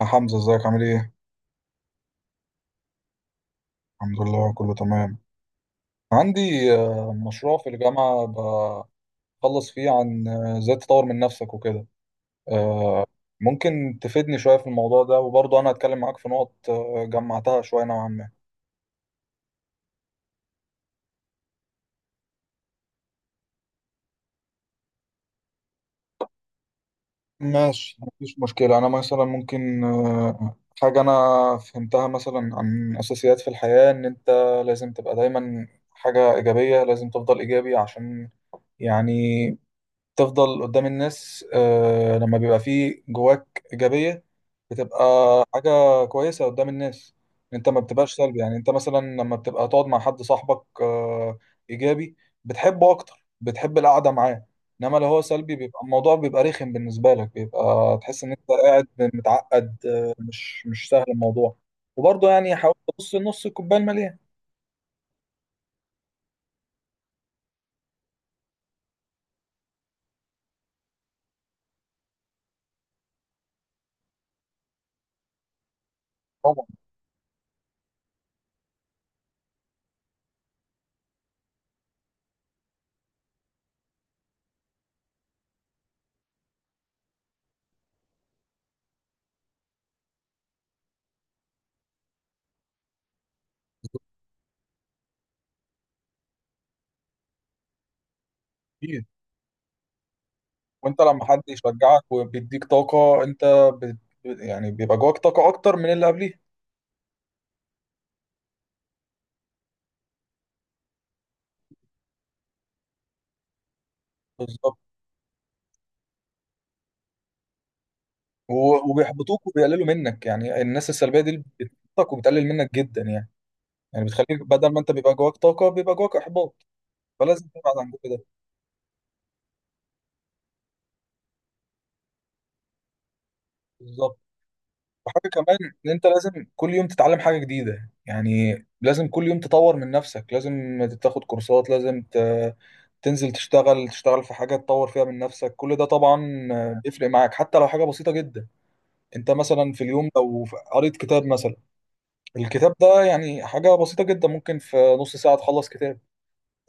يا حمزة، ازيك؟ عامل ايه؟ الحمد لله، كله تمام. عندي مشروع في الجامعة بخلص فيه عن ازاي تطور من نفسك وكده. آه، ممكن تفيدني شوية في الموضوع ده؟ وبرضه انا هتكلم معاك في نقط جمعتها شوية نوعا ما. ماشي، مفيش مشكلة. أنا مثلا ممكن حاجة أنا فهمتها مثلا عن أساسيات في الحياة، إن أنت لازم تبقى دايما حاجة إيجابية، لازم تفضل إيجابي عشان يعني تفضل قدام الناس. لما بيبقى فيه جواك إيجابية، بتبقى حاجة كويسة قدام الناس. انت ما بتبقاش سلبي، يعني انت مثلا لما بتبقى تقعد مع حد صاحبك إيجابي، بتحبه أكتر، بتحب القعدة معاه. انما لو هو سلبي، بيبقى الموضوع بيبقى رخم بالنسبة لك، بيبقى تحس ان انت قاعد متعقد، مش سهل الموضوع. وبرضه يعني حاول تبص نص الكوباية المليان. طبعا. كتير. وانت لما حد يشجعك وبيديك طاقة، انت بت... يعني بيبقى جواك طاقة اكتر من اللي قبليه. بالظبط. وبيحبطوك وبيقللوا منك. يعني الناس السلبية دي بتحبطك وبتقلل منك جدا يعني. يعني بتخليك بدل ما انت بيبقى جواك طاقة، بيبقى جواك احباط. فلازم تبعد عن كل ده. بالظبط. وحاجة كمان، ان انت لازم كل يوم تتعلم حاجة جديدة يعني، لازم كل يوم تطور من نفسك، لازم تاخد كورسات، تنزل تشتغل، تشتغل في حاجة تطور فيها من نفسك. كل ده طبعا بيفرق معاك، حتى لو حاجة بسيطة جدا. انت مثلا في اليوم لو قريت كتاب مثلا، الكتاب ده يعني حاجة بسيطة جدا، ممكن في نص ساعة تخلص كتاب.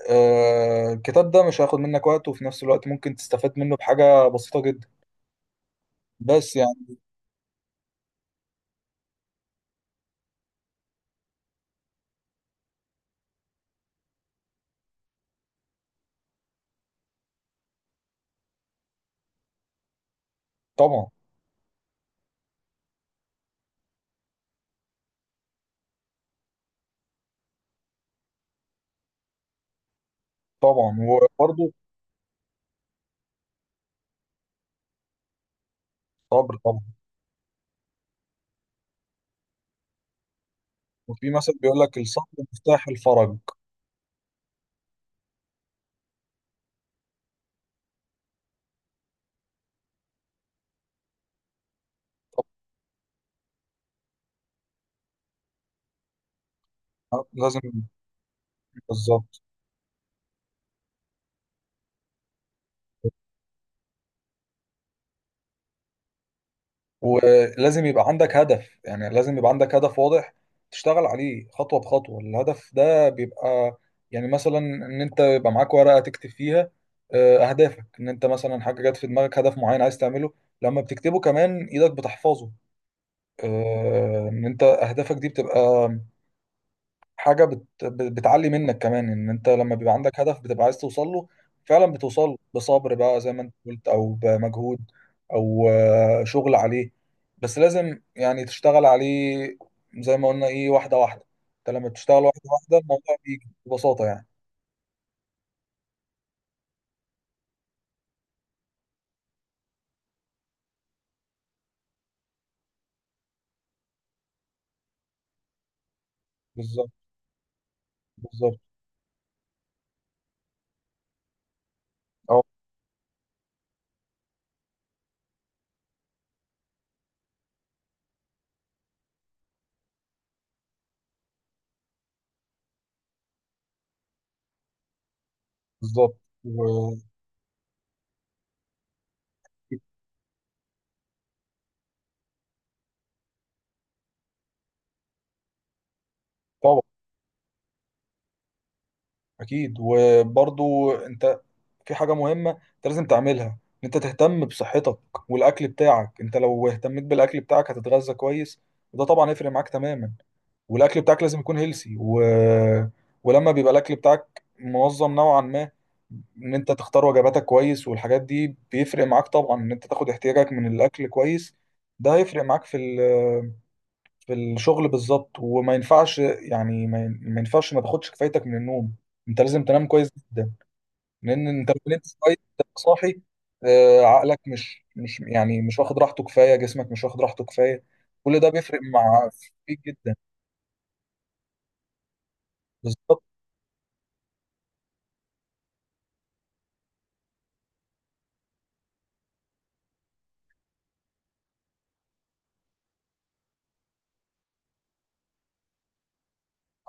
آه، الكتاب ده مش هياخد منك وقت، وفي نفس الوقت ممكن تستفاد منه بحاجة بسيطة جدا. بس يعني. طبعا. طبعا. وبرضه. صبر طبعا. وفي مثل بيقول لك: الصبر مفتاح الفرج. طبعا لازم. بالظبط. ولازم يبقى عندك هدف، يعني لازم يبقى عندك هدف واضح تشتغل عليه خطوة بخطوة. الهدف ده بيبقى يعني مثلا ان انت يبقى معاك ورقة تكتب فيها اهدافك. ان انت مثلا حاجة جت في دماغك، هدف معين عايز تعمله، لما بتكتبه كمان ايدك بتحفظه. ان انت اهدافك دي بتبقى حاجه بتعلي منك كمان. ان انت لما بيبقى عندك هدف، بتبقى عايز توصل له، فعلا بتوصل له، بصبر بقى زي ما انت قلت، او بمجهود، او شغل عليه، بس لازم يعني تشتغل عليه. زي ما قلنا ايه، واحده واحده. انت لما بتشتغل واحده واحده، الموضوع بيجي ببساطه يعني. بالظبط. بالظبط. اه بالظبط. و- طبعا. اكيد. وبرضو انت في حاجة مهمة انت لازم تعملها، ان انت تهتم بصحتك والاكل بتاعك. انت لو اهتميت بالاكل بتاعك هتتغذى كويس، وده طبعا يفرق معاك تماما. والاكل بتاعك لازم يكون هيلسي و... ولما بيبقى الاكل بتاعك منظم نوعا ما، ان انت تختار وجباتك كويس والحاجات دي، بيفرق معاك طبعا. ان انت تاخد احتياجك من الاكل كويس، ده هيفرق معاك في ال... في الشغل بالظبط. وما ينفعش يعني، ما ينفعش ما تاخدش كفايتك من النوم. انت لازم تنام كويس جدا، لان انت لو نمت شويه تبقى صاحي. عقلك مش يعني مش واخد راحته كفايه، جسمك مش واخد راحته كفايه. كل ده بيفرق مع فيك جدا. بالظبط.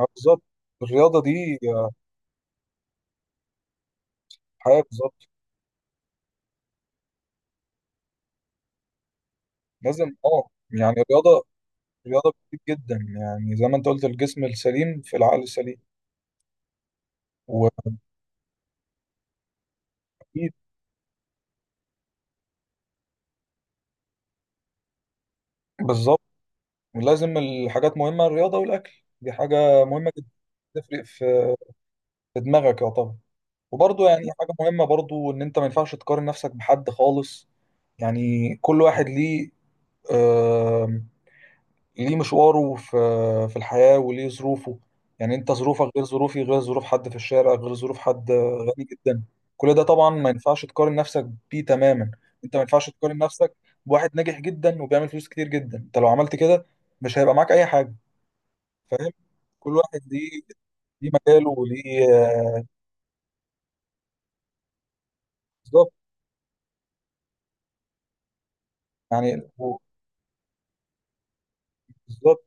بالظبط. الرياضه دي حياه. بالظبط. لازم، اه يعني الرياضه، رياضه كتير جدا يعني. زي ما انت قلت، الجسم السليم في العقل السليم. واكيد. بالظبط. ولازم الحاجات مهمه، الرياضه والاكل، دي حاجه مهمه جدا. تفرق في في دماغك، يا طبعا. وبرضه يعني حاجه مهمه برضه، ان انت ما ينفعش تقارن نفسك بحد خالص. يعني كل واحد ليه آم، ليه مشواره في في الحياة وليه ظروفه. يعني انت ظروفك غير ظروفي، غير ظروف حد في الشارع، غير ظروف حد غني جدا. كل ده طبعا ما ينفعش تقارن نفسك بيه تماما. انت ما ينفعش تقارن نفسك بواحد ناجح جدا وبيعمل فلوس كتير جدا. انت لو عملت كده مش هيبقى معاك اي حاجة. فاهم. كل واحد ليه مجاله وليه آه، بالظبط يعني. بالظبط.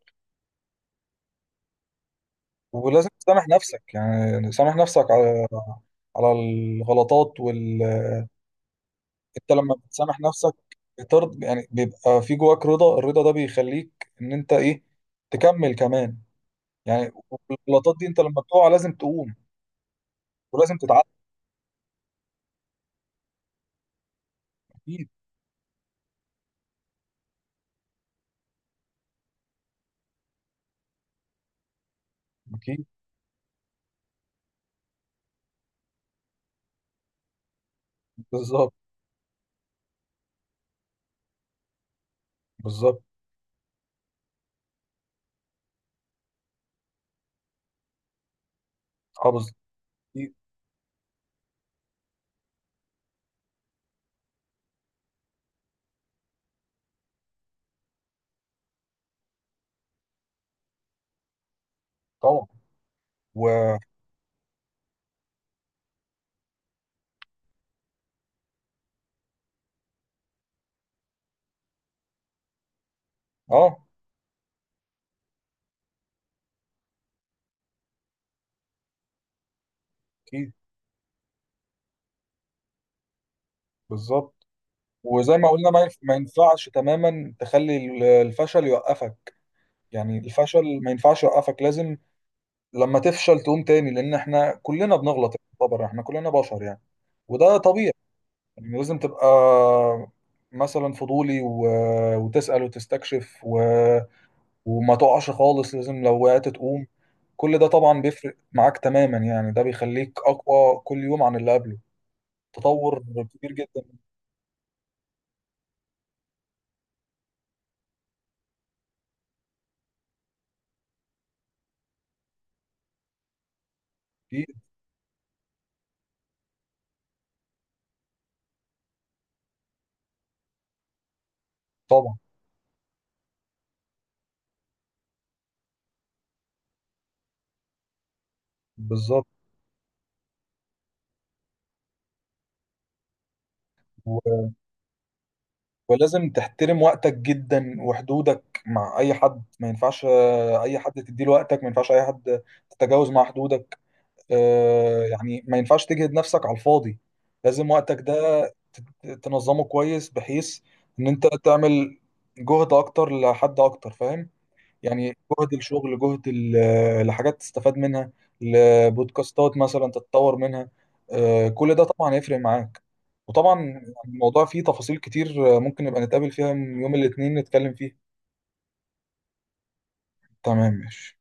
ولازم تسامح نفسك، يعني سامح نفسك على على الغلطات وال... انت لما بتسامح نفسك، بترض يعني، بيبقى في جواك رضا. الرضا ده بيخليك ان انت ايه، تكمل كمان يعني. الغلطات دي، انت لما بتقع لازم تقوم، ولازم تتعلم. اكيد. اكيد. بالظبط. بالظبط. اه بالظبط. اكيد طبعا. و اه، اكيد. بالظبط. وزي ما قلنا، ما ينفعش تماما تخلي الفشل يوقفك. يعني الفشل ما ينفعش يوقفك. لازم لما تفشل تقوم تاني، لان احنا كلنا بنغلط طبعا، احنا كلنا بشر يعني. وده طبيعي يعني. لازم تبقى مثلا فضولي و... وتسأل وتستكشف و... وما تقعش خالص، لازم لو وقعت تقوم. كل ده طبعا بيفرق معاك تماما يعني. ده بيخليك اقوى كل يوم عن اللي قبله. تطور كبير جدا فيه طبعا. بالظبط. و... ولازم تحترم وقتك جدا، وحدودك مع اي حد. ما ينفعش اي حد تديله وقتك، ما ينفعش اي حد تتجاوز مع حدودك. يعني ما ينفعش تجهد نفسك على الفاضي. لازم وقتك ده تنظمه كويس، بحيث ان انت تعمل جهد اكتر لحد اكتر، فاهم يعني. جهد الشغل، جهد لحاجات تستفاد منها، لبودكاستات مثلا تتطور منها. كل ده طبعا هيفرق معاك. وطبعا الموضوع فيه تفاصيل كتير. ممكن نبقى نتقابل فيها يوم الاثنين نتكلم فيه. تمام ماشي.